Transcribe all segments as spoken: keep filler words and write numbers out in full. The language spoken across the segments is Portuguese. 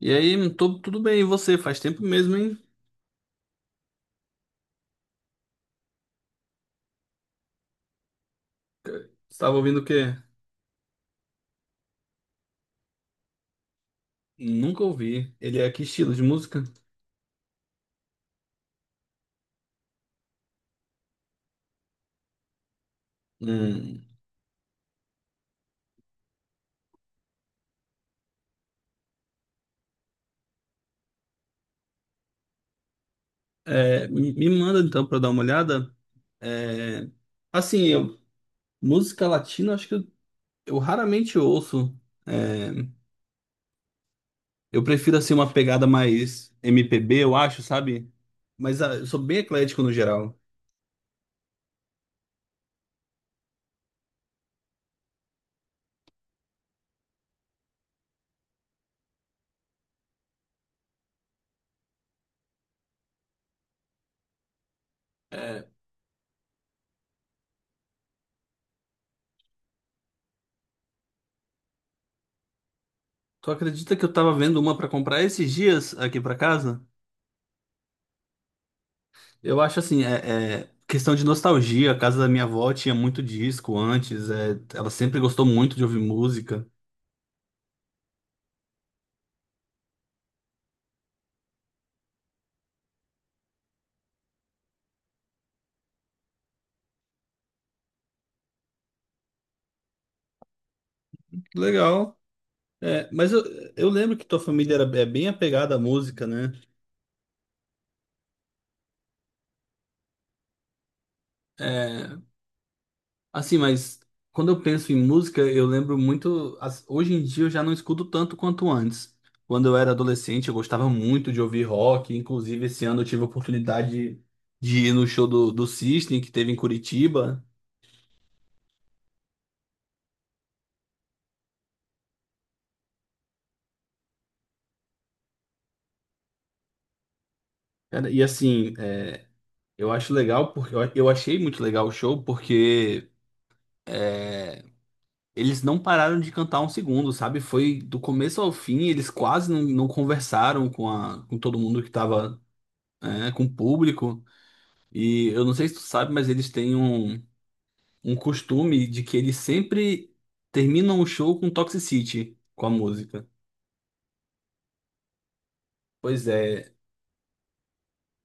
E aí, tô- tudo bem, e você? Faz tempo mesmo, hein? Estava ouvindo o quê? Nunca ouvi. Ele é que estilo de música? Hum. É, me me manda então pra dar uma olhada. É, assim, eu- música latina, acho que eu, eu raramente ouço. É, eu prefiro assim uma pegada mais M P B, eu acho, sabe? Mas ah, eu sou bem eclético no geral. É, tu acredita que eu tava vendo uma pra comprar esses dias aqui pra casa? Eu acho assim, é, é questão de nostalgia. A casa da minha avó tinha muito disco antes, é, ela sempre gostou muito de ouvir música. Legal. É, mas eu, eu lembro que tua família era é bem apegada à música, né? É, assim, mas quando eu penso em música, eu lembro muito. As- hoje em dia eu já não escuto tanto quanto antes. Quando eu era adolescente, eu gostava muito de ouvir rock. Inclusive, esse ano eu tive a oportunidade de ir no show do, do System, que teve em Curitiba. Cara, e assim, é, eu acho legal porque eu eu achei muito legal o show, porque é, eles não pararam de cantar um segundo, sabe? Foi do começo ao fim, eles quase não, não conversaram com, a, com todo mundo que tava, é, com o público. E eu não sei se tu sabe, mas eles têm um, um costume de que eles sempre terminam o show com Toxicity, com a música. Pois é,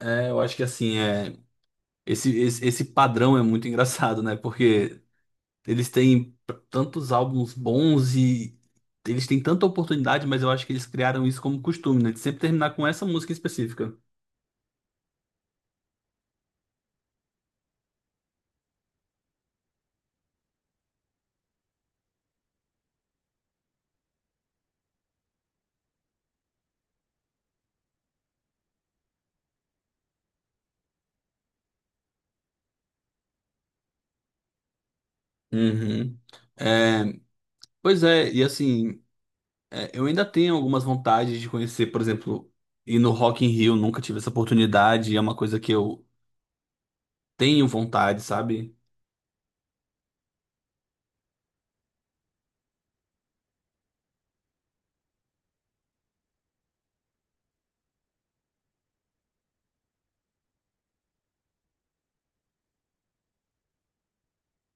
é, eu acho que assim, é, esse, esse, esse padrão é muito engraçado, né? Porque eles têm tantos álbuns bons e eles têm tanta oportunidade, mas eu acho que eles criaram isso como costume, né? De sempre terminar com essa música em específica. Uhum. É, pois é, e assim, é, eu ainda tenho algumas vontades de conhecer, por exemplo, ir no Rock in Rio, nunca tive essa oportunidade, é uma coisa que eu tenho vontade, sabe?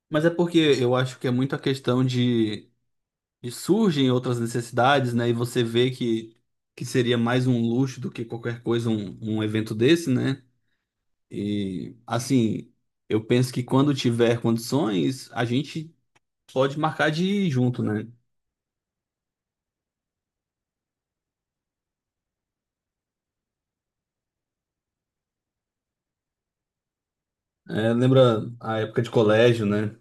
Mas é porque eu acho que é muito a questão de, de surgem outras necessidades, né? E você vê que, que seria mais um luxo do que qualquer coisa, um, um evento desse, né? E assim, eu penso que quando tiver condições, a gente pode marcar de ir junto, né? É, lembra a época de colégio, né?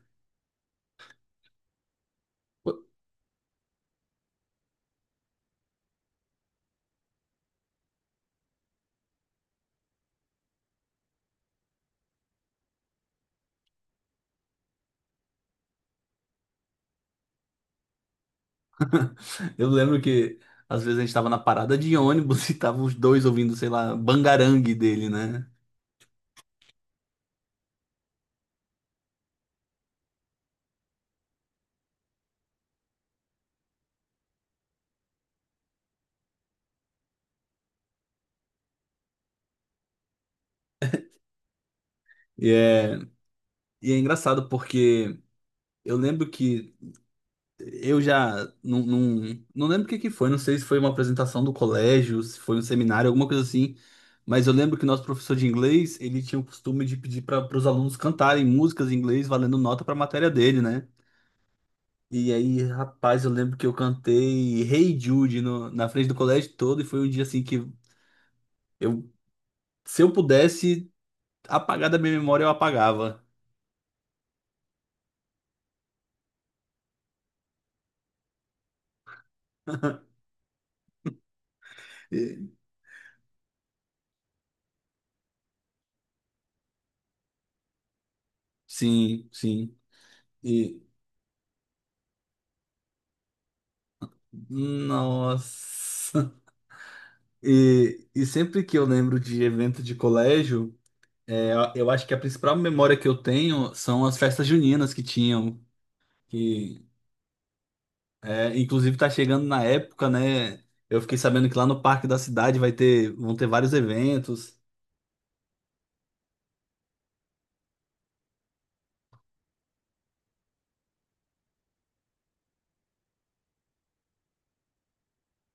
Eu lembro que às vezes a gente tava na parada de ônibus e tava os dois ouvindo, sei lá, bangarangue dele, né? E é, e é engraçado, porque eu lembro que eu já não, não, não lembro o que que foi, não sei se foi uma apresentação do colégio, se foi um seminário, alguma coisa assim, mas eu lembro que o nosso professor de inglês, ele tinha o costume de pedir para os alunos cantarem músicas em inglês valendo nota para a matéria dele, né? E aí, rapaz, eu lembro que eu cantei Hey Jude no- na frente do colégio todo, e foi um dia assim que eu, se eu pudesse apagar da minha memória, eu apagava. E- Sim, sim. E nossa. E, e sempre que eu lembro de evento de colégio, é, eu acho que a principal memória que eu tenho são as festas juninas que tinham, que é, inclusive tá chegando na época, né? Eu fiquei sabendo que lá no Parque da Cidade vai ter, vão ter vários eventos.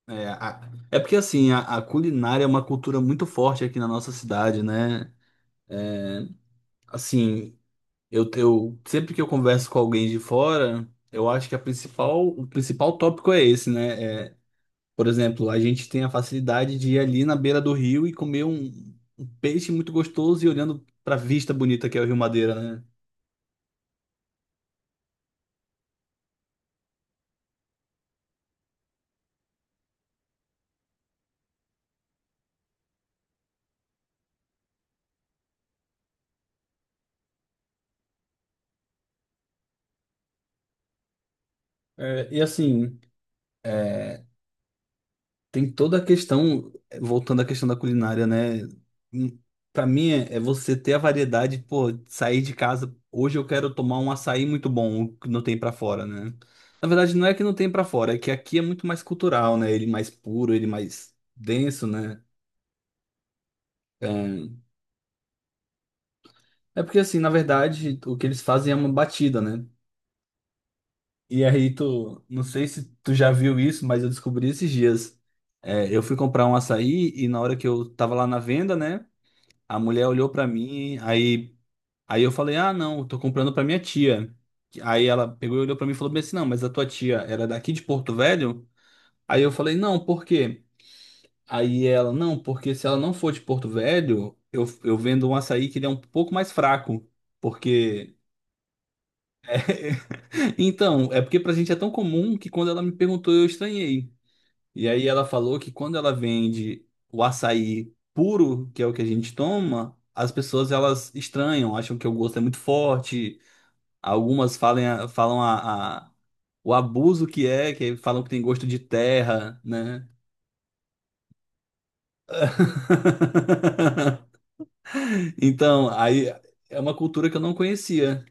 É, a- é porque assim, a, a culinária é uma cultura muito forte aqui na nossa cidade, né? Assim, eu, eu sempre que eu converso com alguém de fora, eu acho que a principal, o principal tópico é esse, né? É, por exemplo, a gente tem a facilidade de ir ali na beira do rio e comer um, um peixe muito gostoso e olhando para a vista bonita que é o Rio Madeira, né? É, e assim, é, tem toda a questão, é, voltando à questão da culinária, né? Para mim é é você ter a variedade, pô, sair de casa, hoje eu quero tomar um açaí muito bom, o que não tem para fora, né? Na verdade, não é que não tem para fora, é que aqui é muito mais cultural, né? Ele mais puro, ele mais denso, né? É, É porque assim, na verdade, o que eles fazem é uma batida, né? E aí tu, não sei se tu já viu isso, mas eu descobri esses dias. É, eu fui comprar um açaí e na hora que eu tava lá na venda, né? A mulher olhou pra mim, aí, aí eu falei, ah, não, eu tô comprando pra minha tia. Aí ela pegou e olhou pra mim e falou bem assim, não, mas a tua tia era daqui de Porto Velho? Aí eu falei, não, por quê? Aí ela, não, porque se ela não for de Porto Velho, eu, eu vendo um açaí que ele é um pouco mais fraco, porque. Então, é porque pra gente é tão comum que quando ela me perguntou, eu estranhei. E aí ela falou que quando ela vende o açaí puro, que é o que a gente toma, as pessoas elas estranham, acham que o gosto é muito forte. Algumas falam, falam a, a- o abuso que é, que falam que tem gosto de terra, né? Então, aí é uma cultura que eu não conhecia.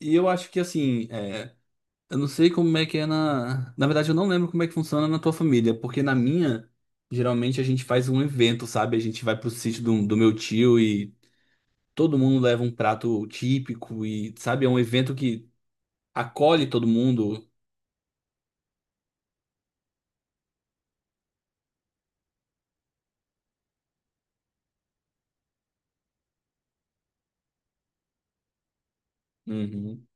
E eu acho que assim, é, eu não sei como é que é na. Na verdade, eu não lembro como é que funciona na tua família, porque na minha, geralmente a gente faz um evento, sabe? A gente vai pro sítio do, do meu tio e todo mundo leva um prato típico e, sabe, é um evento que acolhe todo mundo. Uhum.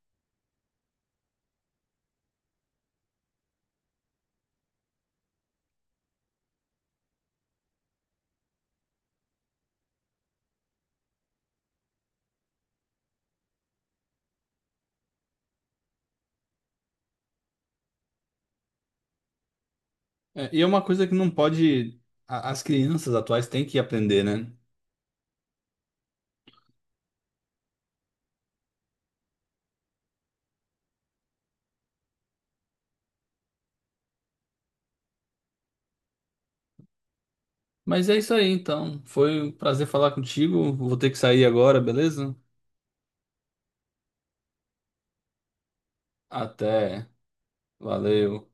É, e é uma coisa que não pode. a- As crianças atuais têm que aprender, né? Mas é isso aí, então. Foi um prazer falar contigo. Vou ter que sair agora, beleza? Até. Valeu.